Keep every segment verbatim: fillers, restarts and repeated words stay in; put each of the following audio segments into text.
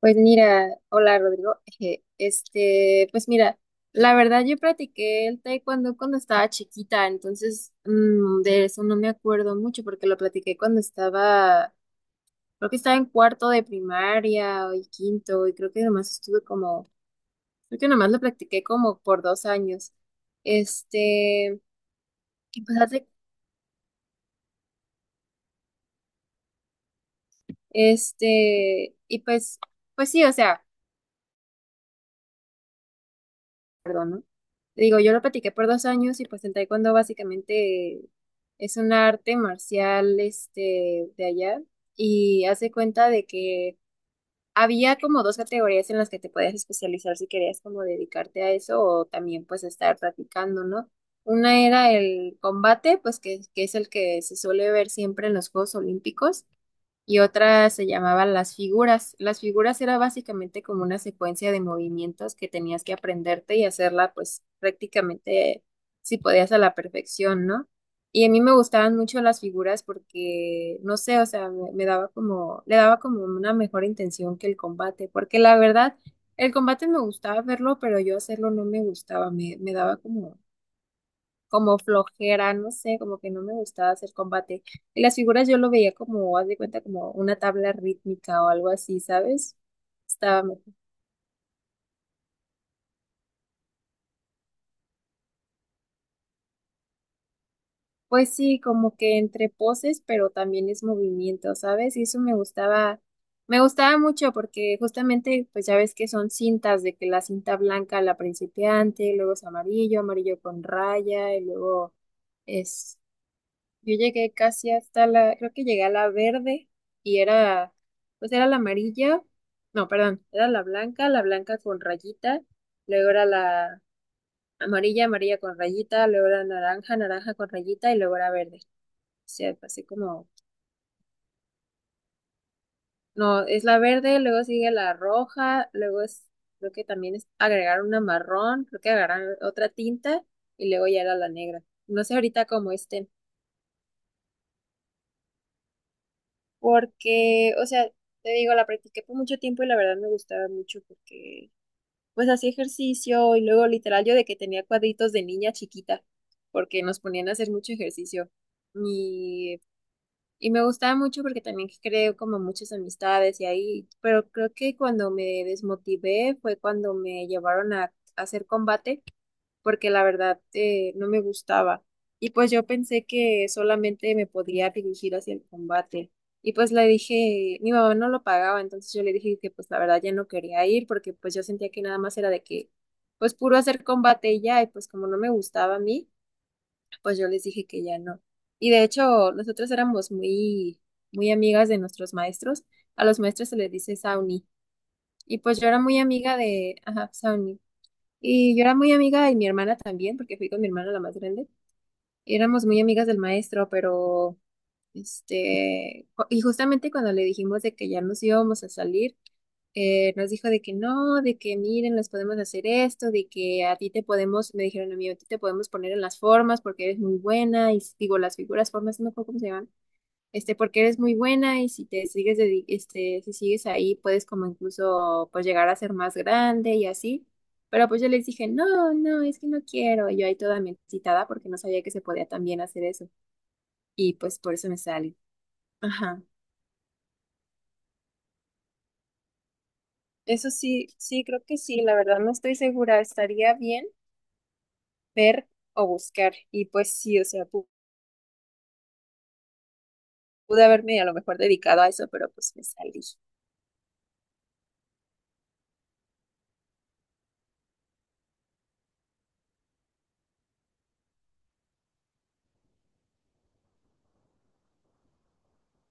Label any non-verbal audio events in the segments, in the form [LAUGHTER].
Pues mira, hola Rodrigo. Eje, Este, pues mira, la verdad yo practiqué el taekwondo cuando estaba chiquita, entonces mm, de eso no me acuerdo mucho porque lo practiqué cuando estaba, creo que estaba en cuarto de primaria o y quinto, y creo que nomás estuve como, creo que nomás lo practiqué como por dos años. Este, y pues, hace- este, y pues, pues sí, o sea. Perdón, ¿no? Digo, yo lo practiqué por dos años y pues el taekwondo básicamente es un arte marcial este, de allá y hace cuenta de que había como dos categorías en las que te podías especializar si querías como dedicarte a eso o también pues estar practicando, ¿no? Una era el combate, pues que, que es el que se suele ver siempre en los Juegos Olímpicos y otra se llamaba Las figuras. Las figuras era básicamente como una secuencia de movimientos que tenías que aprenderte y hacerla pues prácticamente si podías a la perfección, ¿no? Y a mí me gustaban mucho las figuras porque, no sé, o sea, me, me daba como, le daba como una mejor intención que el combate, porque la verdad, el combate me gustaba verlo, pero yo hacerlo no me gustaba, me, me daba como como flojera, no sé, como que no me gustaba hacer combate. Y las figuras yo lo veía como, haz de cuenta, como una tabla rítmica o algo así, ¿sabes? Estaba mejor. Pues sí, como que entre poses, pero también es movimiento, ¿sabes? Y eso me gustaba, me gustaba mucho porque justamente, pues ya ves que son cintas, de que la cinta blanca, la principiante, luego es amarillo, amarillo con raya, y luego yo llegué casi hasta la, creo que llegué a la verde y era, pues era la amarilla, no, perdón, era la blanca, la blanca con rayita, luego era la amarilla, amarilla con rayita, luego era naranja, naranja con rayita y luego era verde. O sea, pasé como, no, es la verde, luego sigue la roja, luego es, creo que también es agregar una marrón, creo que agregar otra tinta y luego ya era la negra. No sé ahorita cómo esté. Porque, o sea, te digo, la practiqué por mucho tiempo y la verdad me gustaba mucho porque, pues, hacía ejercicio y luego literal yo de que tenía cuadritos de niña chiquita, porque nos ponían a hacer mucho ejercicio. Y, y me gustaba mucho porque también creo como muchas amistades y ahí, pero creo que cuando me desmotivé fue cuando me llevaron a hacer combate porque la verdad eh, no me gustaba. Y pues yo pensé que solamente me podría dirigir hacia el combate. Y pues le dije, mi mamá no lo pagaba, entonces yo le dije que pues la verdad ya no quería ir porque pues yo sentía que nada más era de que pues puro hacer combate y ya, y pues como no me gustaba a mí, pues yo les dije que ya no. Y de hecho, nosotros éramos muy, muy amigas de nuestros maestros. A los maestros se les dice Sauni. Y pues yo era muy amiga de, ajá, Sauni. Y yo era muy amiga y mi hermana también, porque fui con mi hermana la más grande. Éramos muy amigas del maestro, pero este, cu- y justamente cuando le dijimos de que ya nos íbamos a salir, eh, nos dijo de que no, de que miren, les podemos hacer esto, de que a ti te podemos, me dijeron a mí, a ti te podemos poner en las formas porque eres muy buena, y s- digo, las figuras, formas, no me acuerdo cómo se llaman este, porque eres muy buena y si te sigues, dedi- este, si sigues ahí, puedes como incluso, pues, llegar a ser más grande y así. Pero pues yo les dije, no, no, es que no quiero. Y yo ahí toda me excitada porque no sabía que se podía también hacer eso. Y pues por eso me sale. Ajá. Eso sí, sí, creo que sí, la verdad no estoy segura. Estaría bien ver o buscar. Y pues sí, o sea, pu- pude haberme a lo mejor dedicado a eso, pero pues me salí.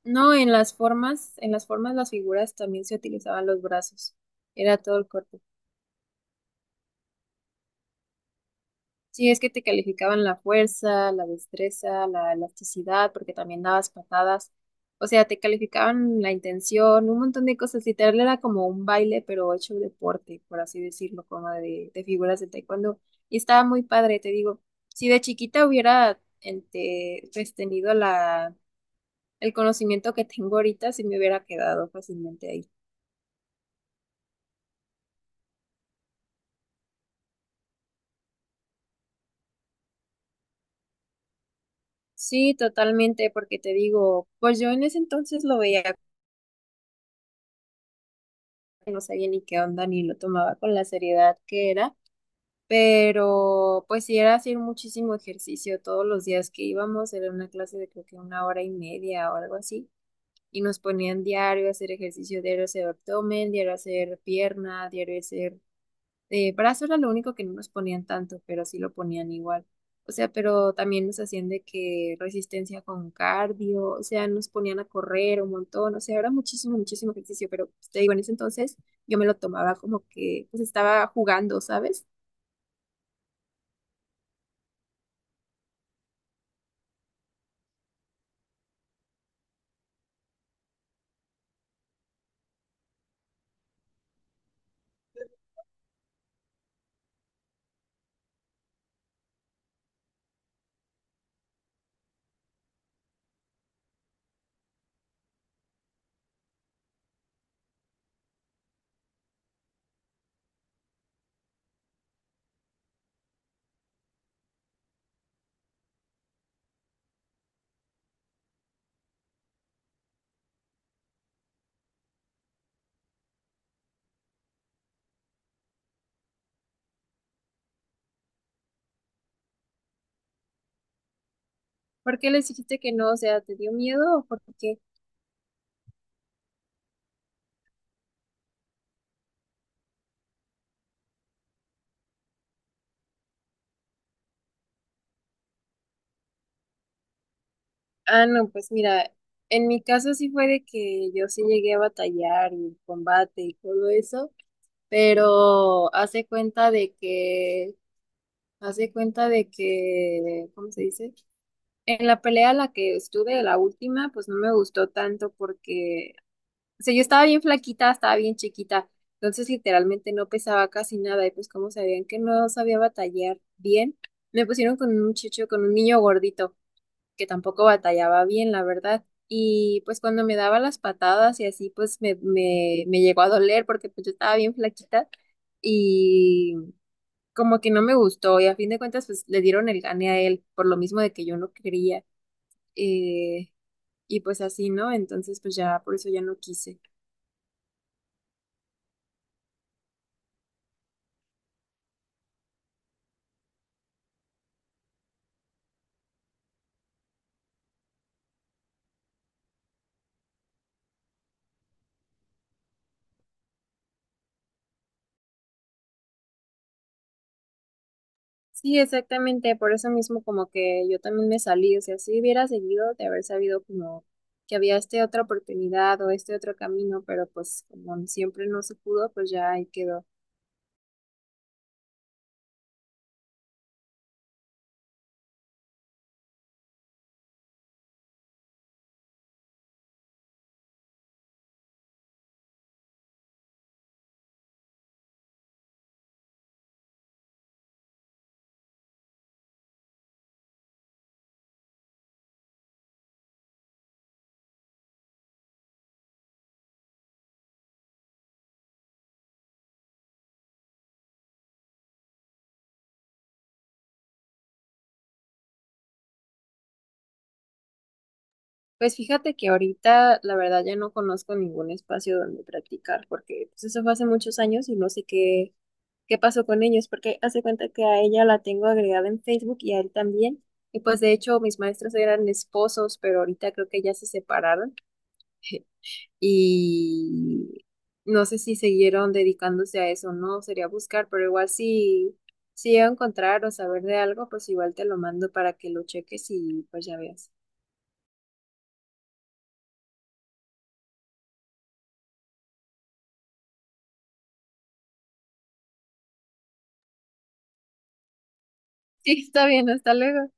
No, en las formas, en las formas, las figuras también se utilizaban los brazos. Era todo el cuerpo. Sí, es que te calificaban la fuerza, la destreza, la elasticidad, porque también dabas patadas. O sea, te calificaban la intención, un montón de cosas. Literal era como un baile, pero hecho deporte, por así decirlo, como de, de figuras de taekwondo. Y estaba muy padre, te digo. Si de chiquita hubiera este, pues, tenido la, el conocimiento que tengo ahorita, sí me hubiera quedado fácilmente ahí. Sí, totalmente, porque te digo, pues yo en ese entonces lo veía, no sabía ni qué onda, ni lo tomaba con la seriedad que era, pero pues sí era hacer muchísimo ejercicio todos los días que íbamos, era una clase de creo que una hora y media o algo así, y nos ponían diario a hacer ejercicio, diario a hacer abdomen, diario a hacer pierna, diario a hacer Eh, brazo era lo único que no nos ponían tanto, pero sí lo ponían igual. O sea, pero también nos hacían de que resistencia con cardio, o sea, nos ponían a correr un montón, o sea, era muchísimo, muchísimo ejercicio, pero pues, te digo, en ese entonces yo me lo tomaba como que pues estaba jugando, ¿sabes? ¿Por qué les dijiste que no? O sea, ¿te dio miedo o por qué? Ah, no, pues mira, en mi caso sí fue de que yo sí llegué a batallar y combate y todo eso pero hace cuenta de que Hace cuenta de que, ¿cómo se dice? En la pelea en la que estuve, la última, pues no me gustó tanto porque, o sea, yo estaba bien flaquita, estaba bien chiquita, entonces literalmente no pesaba casi nada y pues como sabían que no sabía batallar bien, me pusieron con un muchacho, con un niño gordito que tampoco batallaba bien, la verdad. Y pues cuando me daba las patadas y así, pues me, me, me llegó a doler porque pues yo estaba bien flaquita y como que no me gustó y a fin de cuentas pues le dieron el gane a él por lo mismo de que yo no quería eh, y pues así, ¿no? Entonces pues ya por eso ya no quise. Sí, exactamente, por eso mismo como que yo también me salí, o sea, si hubiera seguido de haber sabido como que había esta otra oportunidad o este otro camino, pero pues como siempre no se pudo, pues ya ahí quedó. Pues fíjate que ahorita la verdad ya no conozco ningún espacio donde practicar porque pues eso fue hace muchos años y no sé qué qué pasó con ellos, porque hace cuenta que a ella la tengo agregada en Facebook y a él también. Y pues de hecho mis maestros eran esposos, pero ahorita creo que ya se separaron [LAUGHS] y no sé si siguieron dedicándose a eso, no, sería buscar, pero igual si, si llego a encontrar o saber de algo, pues igual te lo mando para que lo cheques y pues ya veas. [LAUGHS] Sí, está bien, hasta luego.